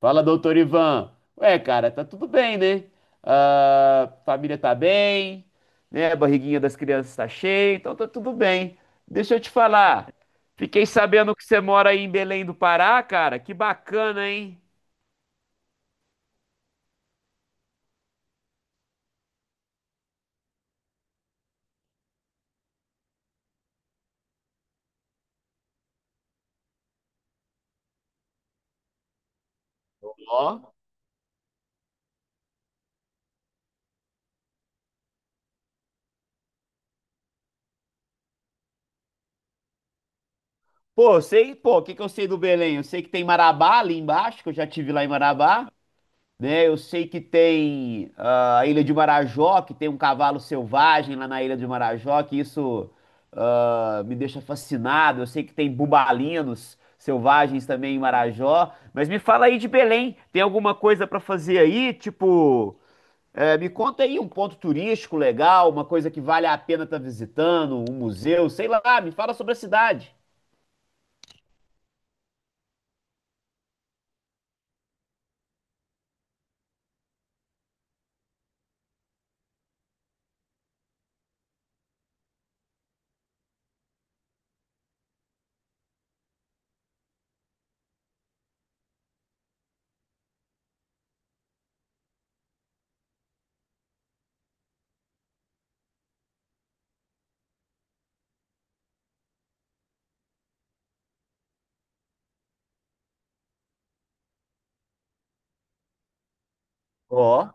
Fala, doutor Ivan. Ué, cara, tá tudo bem, né? Ah, família tá bem, né? A barriguinha das crianças tá cheia, então tá tudo bem. Deixa eu te falar. Fiquei sabendo que você mora aí em Belém do Pará, cara. Que bacana, hein? Ó. Pô, eu sei, pô, o que que eu sei do Belém? Eu sei que tem Marabá ali embaixo, que eu já tive lá em Marabá. Né? Eu sei que tem a Ilha de Marajó, que tem um cavalo selvagem lá na Ilha de Marajó, que isso me deixa fascinado. Eu sei que tem bubalinos selvagens também em Marajó. Mas me fala aí de Belém, tem alguma coisa para fazer aí? Tipo, me conta aí um ponto turístico legal, uma coisa que vale a pena estar visitando, um museu, sei lá, me fala sobre a cidade. Ó,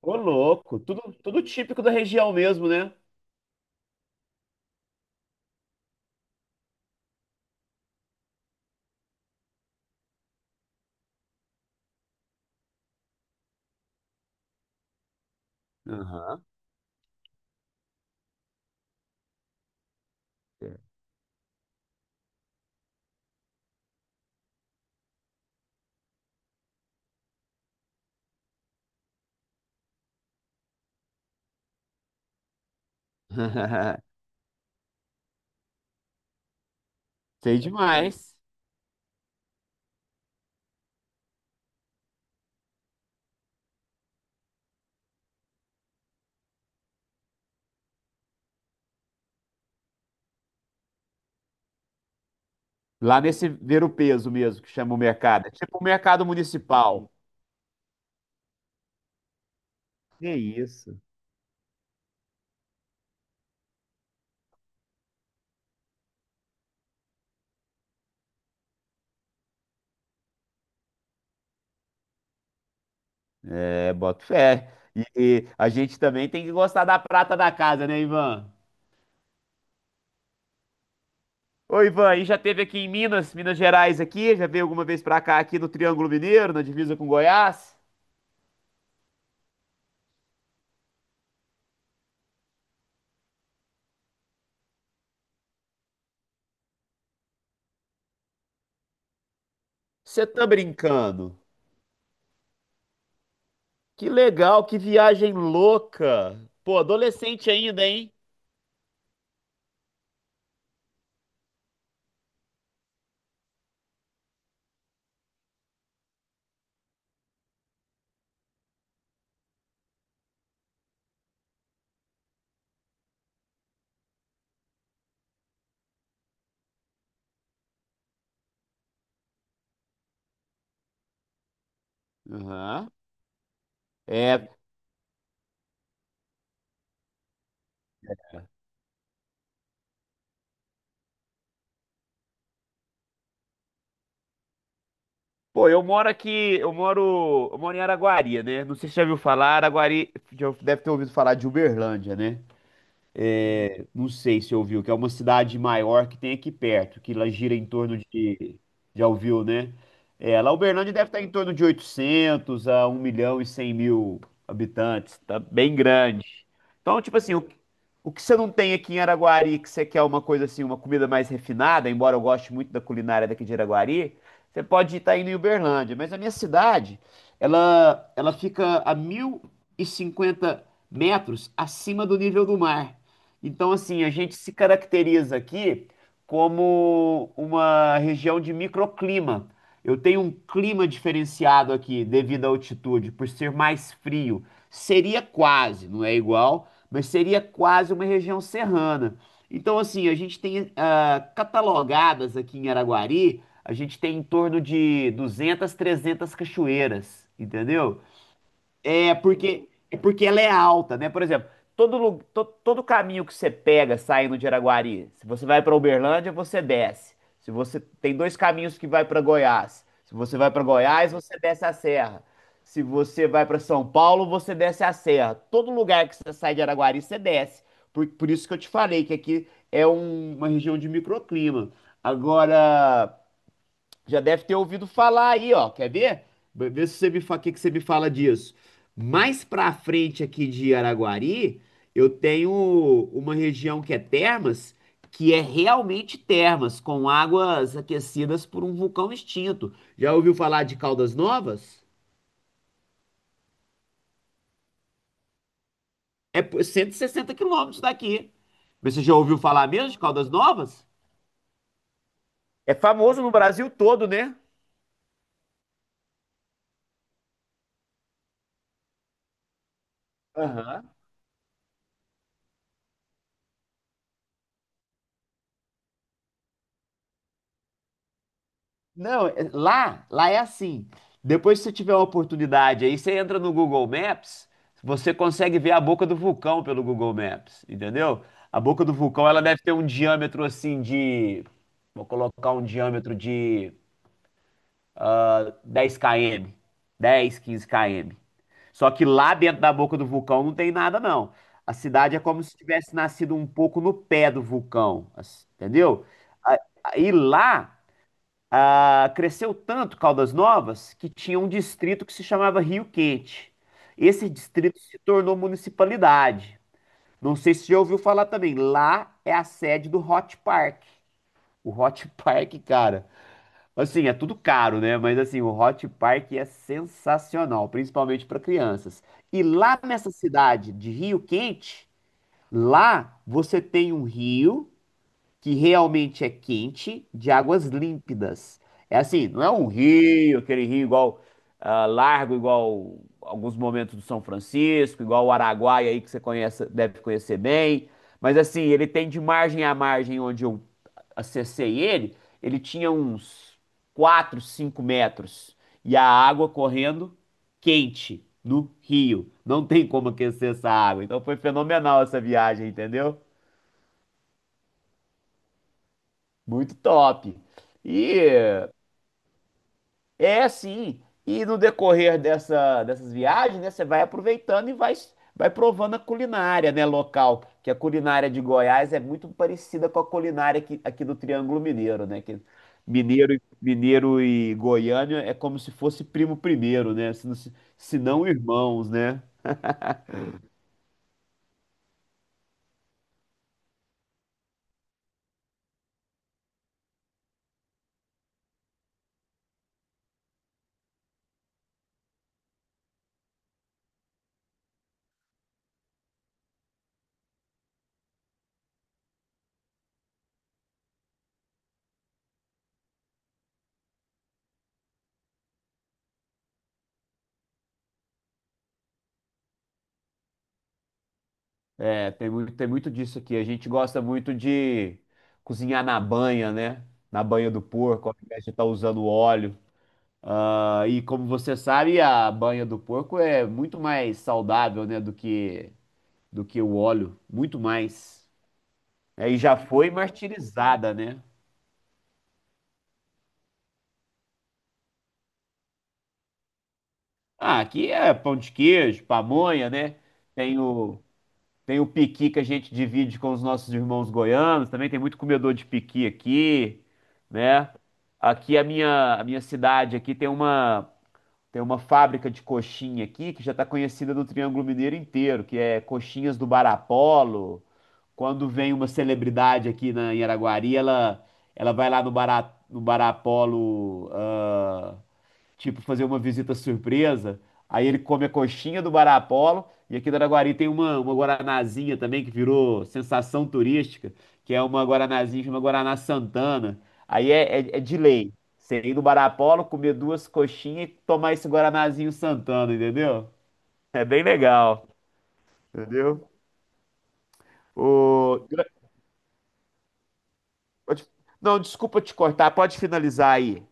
ô louco, tudo, tudo típico da região mesmo, né? Aham. Sei demais. Lá nesse ver o peso mesmo, que chama o mercado. É tipo o mercado municipal. Que isso? É, boto fé. E a gente também tem que gostar da prata da casa, né, Ivan? Ô, Ivan, e já teve aqui em Minas, Minas Gerais aqui? Já veio alguma vez pra cá, aqui no Triângulo Mineiro, na divisa com Goiás? Você tá brincando? Que legal, que viagem louca. Pô, adolescente ainda, hein? Aham. É. Pô, eu moro aqui, eu moro em Araguari, né? Não sei se você já viu falar, Araguari já deve ter ouvido falar de Uberlândia, né? Não sei se ouviu, que é uma cidade maior que tem aqui perto, que ela gira em torno de. Já ouviu, né? É, lá Uberlândia deve estar em torno de 800.000 a 1.100.000 habitantes, tá bem grande. Então, tipo assim, o que você não tem aqui em Araguari, que você quer uma coisa assim, uma comida mais refinada, embora eu goste muito da culinária daqui de Araguari, você pode estar indo em Uberlândia. Mas a minha cidade, ela fica a 1.050 metros acima do nível do mar. Então, assim, a gente se caracteriza aqui como uma região de microclima. Eu tenho um clima diferenciado aqui devido à altitude, por ser mais frio. Seria quase, não é igual, mas seria quase uma região serrana. Então, assim, a gente tem catalogadas aqui em Araguari, a gente tem em torno de 200, 300 cachoeiras, entendeu? É porque ela é alta, né? Por exemplo, todo, lu- to- todo caminho que você pega saindo de Araguari, se você vai para Uberlândia, você desce. Se você tem dois caminhos que vai para Goiás. Se você vai para Goiás, você desce a serra. Se você vai para São Paulo, você desce a serra. Todo lugar que você sai de Araguari, você desce. Por isso que eu te falei que aqui é um- uma região de microclima. Agora, já deve ter ouvido falar aí, ó. Quer ver? Vê vê se você me fa... o que que você me fala disso. Mais pra frente aqui de Araguari, eu tenho uma região que é termas, que é realmente termas, com águas aquecidas por um vulcão extinto. Já ouviu falar de Caldas Novas? É por 160 quilômetros daqui. Mas você já ouviu falar mesmo de Caldas Novas? É famoso no Brasil todo, né? Aham. Não, é- lá, lá é assim. Depois, se você tiver uma oportunidade aí, você entra no Google Maps, você consegue ver a boca do vulcão pelo Google Maps, entendeu? A boca do vulcão, ela deve ter um diâmetro assim de, vou colocar um diâmetro de 10 km, 10, 15 km. Só que lá dentro da boca do vulcão não tem nada, não. A cidade é como se tivesse nascido um pouco no pé do vulcão, assim, entendeu? A- Aí lá cresceu tanto Caldas Novas que tinha um distrito que se chamava Rio Quente. Esse distrito se tornou municipalidade. Não sei se já ouviu falar também. Lá é a sede do Hot Park. O Hot Park, cara, assim, é tudo caro, né? Mas assim, o Hot Park é sensacional, principalmente para crianças. E lá nessa cidade de Rio Quente, lá você tem um rio que realmente é quente, de águas límpidas. É assim, não é um rio, aquele rio igual largo, igual alguns momentos do São Francisco, igual o Araguaia aí que você conhece, deve conhecer bem. Mas assim, ele tem de margem a margem onde eu acessei ele, ele tinha uns 4, 5 metros. E a água correndo quente no rio. Não tem como aquecer essa água. Então foi fenomenal essa viagem, entendeu? Muito top. E é sim. E no decorrer dessa, dessas viagens, né, você vai aproveitando e vai, vai provando a culinária, né, local. Que a culinária de Goiás é muito parecida com a culinária aqui, aqui do Triângulo Mineiro, né? Que mineiro, e- mineiro e Goiânia é como se fosse primo primeiro, né? Se não, se se não irmãos, né? É, tem muito disso aqui. A gente gosta muito de cozinhar na banha, né? Na banha do porco, ao invés de estar usando óleo. Ah, e como você sabe, a banha do porco é muito mais saudável, né, do que o óleo, muito mais. Aí já foi martirizada, né? Ah, aqui é pão de queijo, pamonha, né? Tem o tem o piqui que a gente divide com os nossos irmãos goianos, também tem muito comedor de piqui aqui, né? Aqui a minha cidade aqui tem uma fábrica de coxinha aqui que já está conhecida no Triângulo Mineiro inteiro, que é Coxinhas do Barapolo. Quando vem uma celebridade aqui na, em Araguari, ela vai lá no Bará, no Barapolo, tipo, fazer uma visita surpresa. Aí ele come a coxinha do Barapolo. E aqui em Araguari tem uma guaranazinha também que virou sensação turística, que é uma guaranazinha, chama Guaraná Santana. Aí é, é, é de lei. Você ir no Barapolo, comer duas coxinhas e tomar esse guaranazinho Santana, entendeu? É bem legal, entendeu? O... Pode- Não, desculpa te cortar, pode finalizar aí.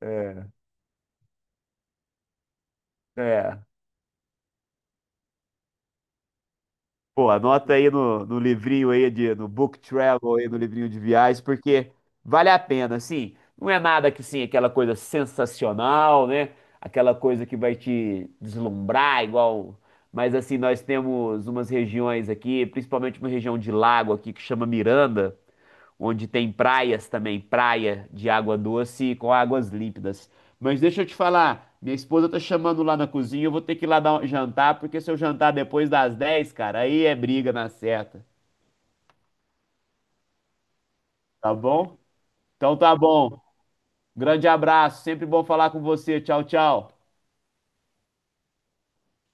É, é. Pô, anota aí no, no livrinho aí, de, no Book Travel aí, no livrinho de viagens, porque vale a pena, assim. Não é nada que, sim, aquela coisa sensacional, né? Aquela coisa que vai te deslumbrar, igual... Mas, assim, nós temos umas regiões aqui, principalmente uma região de lago aqui que chama Miranda, onde tem praias também, praia de água doce com águas límpidas. Mas deixa eu te falar, minha esposa tá chamando lá na cozinha, eu vou ter que ir lá dar um jantar, porque se eu jantar depois das 10, cara, aí é briga na certa, tá bom? Então tá bom. Grande abraço, sempre bom falar com você. Tchau, tchau.